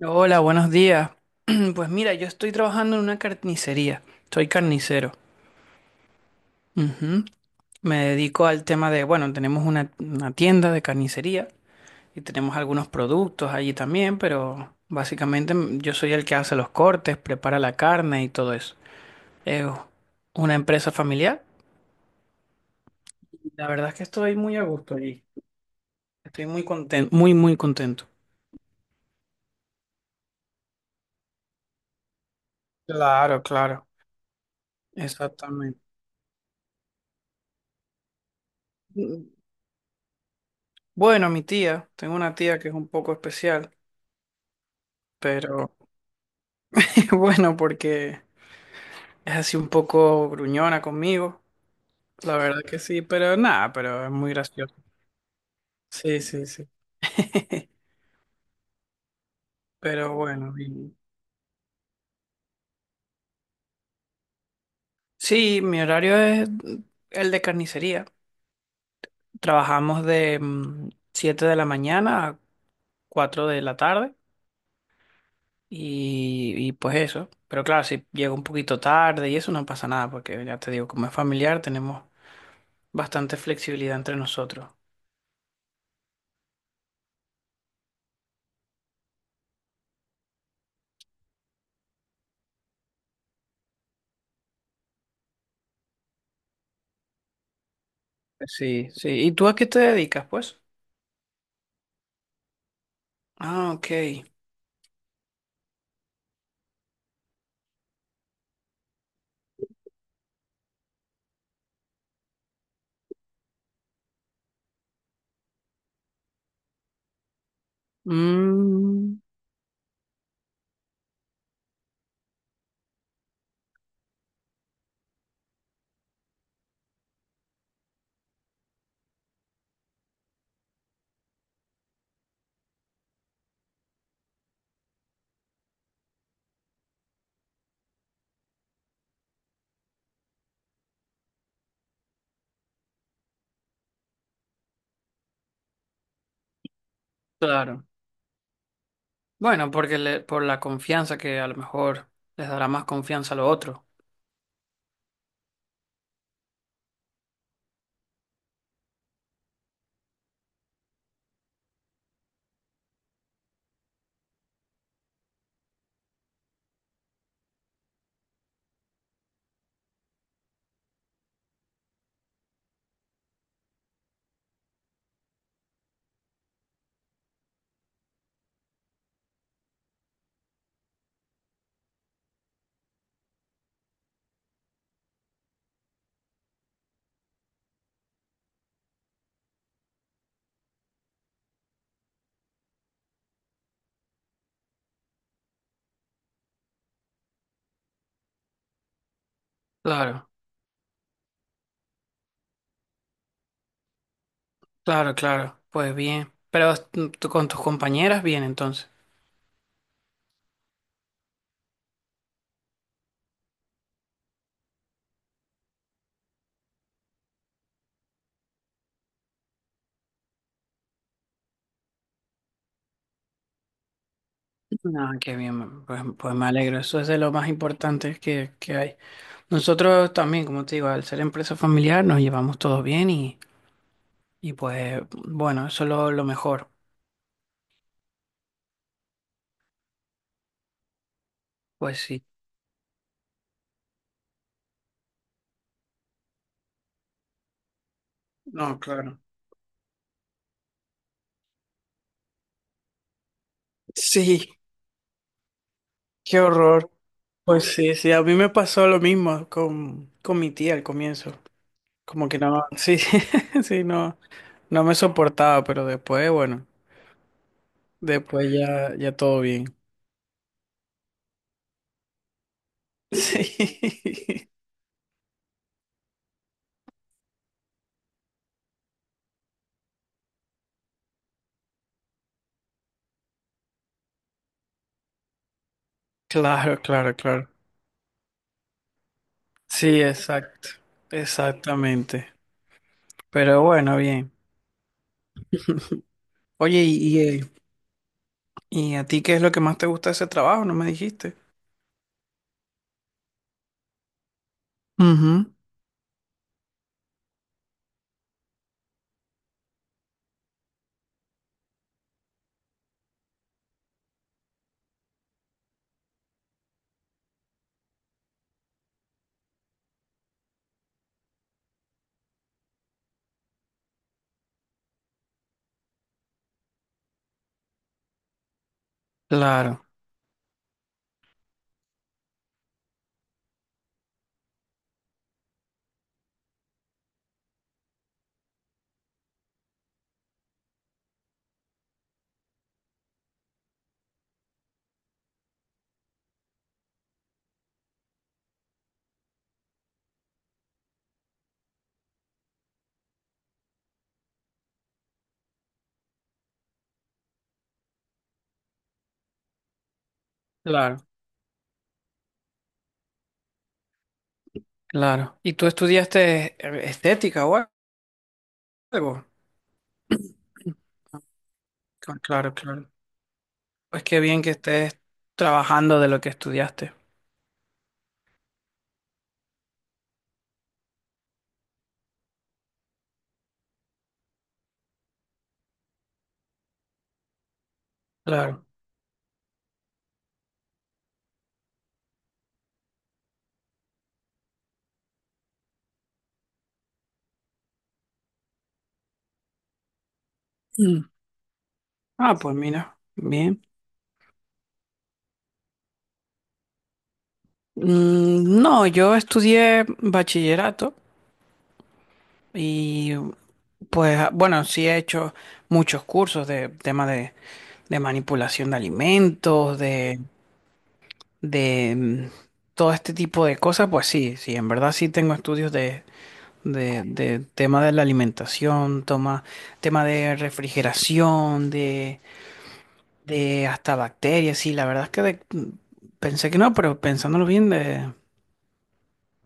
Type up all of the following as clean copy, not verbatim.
Hola, buenos días. Pues mira, yo estoy trabajando en una carnicería. Soy carnicero. Ujú. Me dedico al tema de, bueno, tenemos una tienda de carnicería y tenemos algunos productos allí también, pero básicamente yo soy el que hace los cortes, prepara la carne y todo eso. Es una empresa familiar. La verdad es que estoy muy a gusto allí. Estoy muy contento, muy, muy contento. Claro, claro, exactamente. Mm, bueno, mi tía, tengo una tía que es un poco especial, pero bueno, porque es así un poco gruñona conmigo, la verdad que sí, pero nada, pero es muy gracioso. Sí, sí, sí. Pero bueno, sí, mi horario es el de carnicería. Trabajamos de 7 de la mañana a 4 de la tarde, y pues eso. Pero claro, si llego un poquito tarde y eso no pasa nada porque ya te digo, como es familiar tenemos bastante flexibilidad entre nosotros. Sí, sí. ¿Y tú a qué te dedicas, pues? Ah, ok. Mm, claro. Bueno, porque por la confianza que a lo mejor les dará más confianza a lo otro. Claro, claro, claro. Pues bien. Pero tú con tus compañeras, bien, entonces. Ah, qué bien, pues, pues me alegro. Eso es de lo más importante que hay. Nosotros también, como te digo, al ser empresa familiar nos llevamos todos bien y pues bueno, eso es lo mejor. Pues sí. No, claro. Sí. Qué horror. Pues sí, sí, a mí me pasó lo mismo con mi tía al comienzo. Como que no, sí, sí, no, no me soportaba, pero después, bueno, después ya, ya todo bien. Sí, claro, claro, claro. Sí, exacto, exactamente. Pero bueno, bien. Oye, ¿y a ti qué es lo que más te gusta de ese trabajo? ¿No me dijiste? Ujú. Claro, claro, claro. ¿Y tú estudiaste estética o algo? Ah, claro, claro. Pues qué bien que estés trabajando de lo que estudiaste. Claro. Mm. Ah, pues mira, bien. Mm, no, yo estudié bachillerato y pues bueno, sí he hecho muchos cursos de tema de manipulación de alimentos, de todo este tipo de cosas. Pues sí, sí, en verdad sí tengo estudios de tema de la alimentación, toma, tema de refrigeración, de hasta bacterias, sí, la verdad es que pensé que no, pero pensándolo bien, de,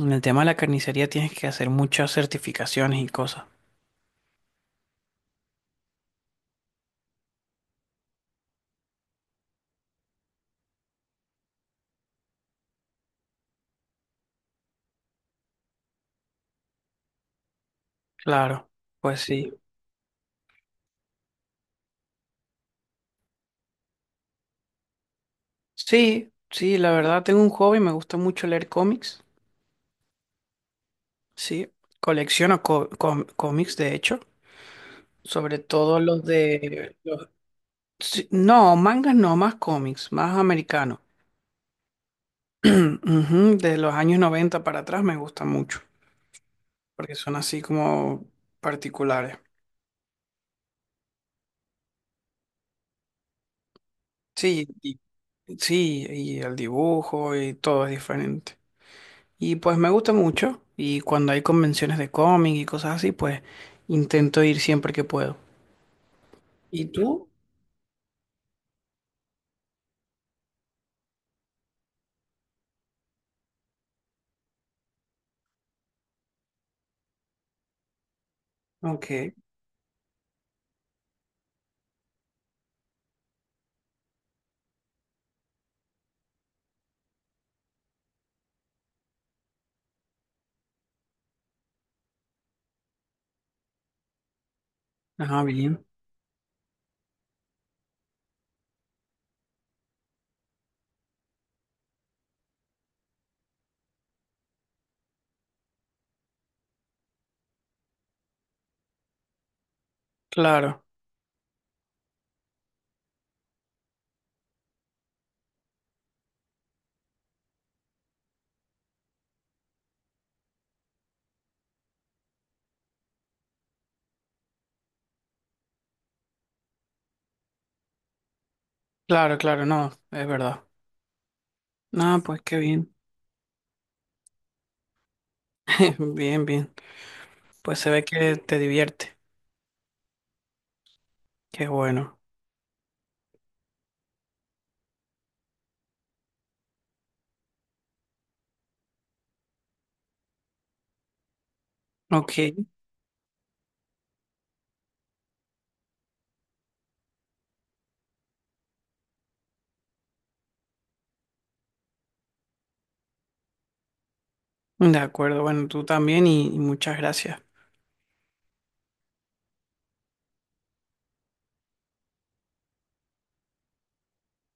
en el tema de la carnicería tienes que hacer muchas certificaciones y cosas. Claro, pues sí. Sí, sí, la verdad tengo un hobby, me gusta mucho leer cómics, sí, colecciono cómics, de hecho, sobre todo los de... sí, no, mangas no, más cómics, más americanos. Ujú, de los años 90 para atrás me gustan mucho, porque son así como particulares. Sí, y- sí, y el dibujo y todo es diferente. Y pues me gusta mucho y cuando hay convenciones de cómic y cosas así, pues intento ir siempre que puedo. ¿Y tú? Ok. Ah, bien. Claro, claro, claro, no, es verdad. No, pues qué bien. Bien, bien. Pues se ve que te divierte. Qué bueno. Ok, de acuerdo. Bueno, tú también y muchas gracias.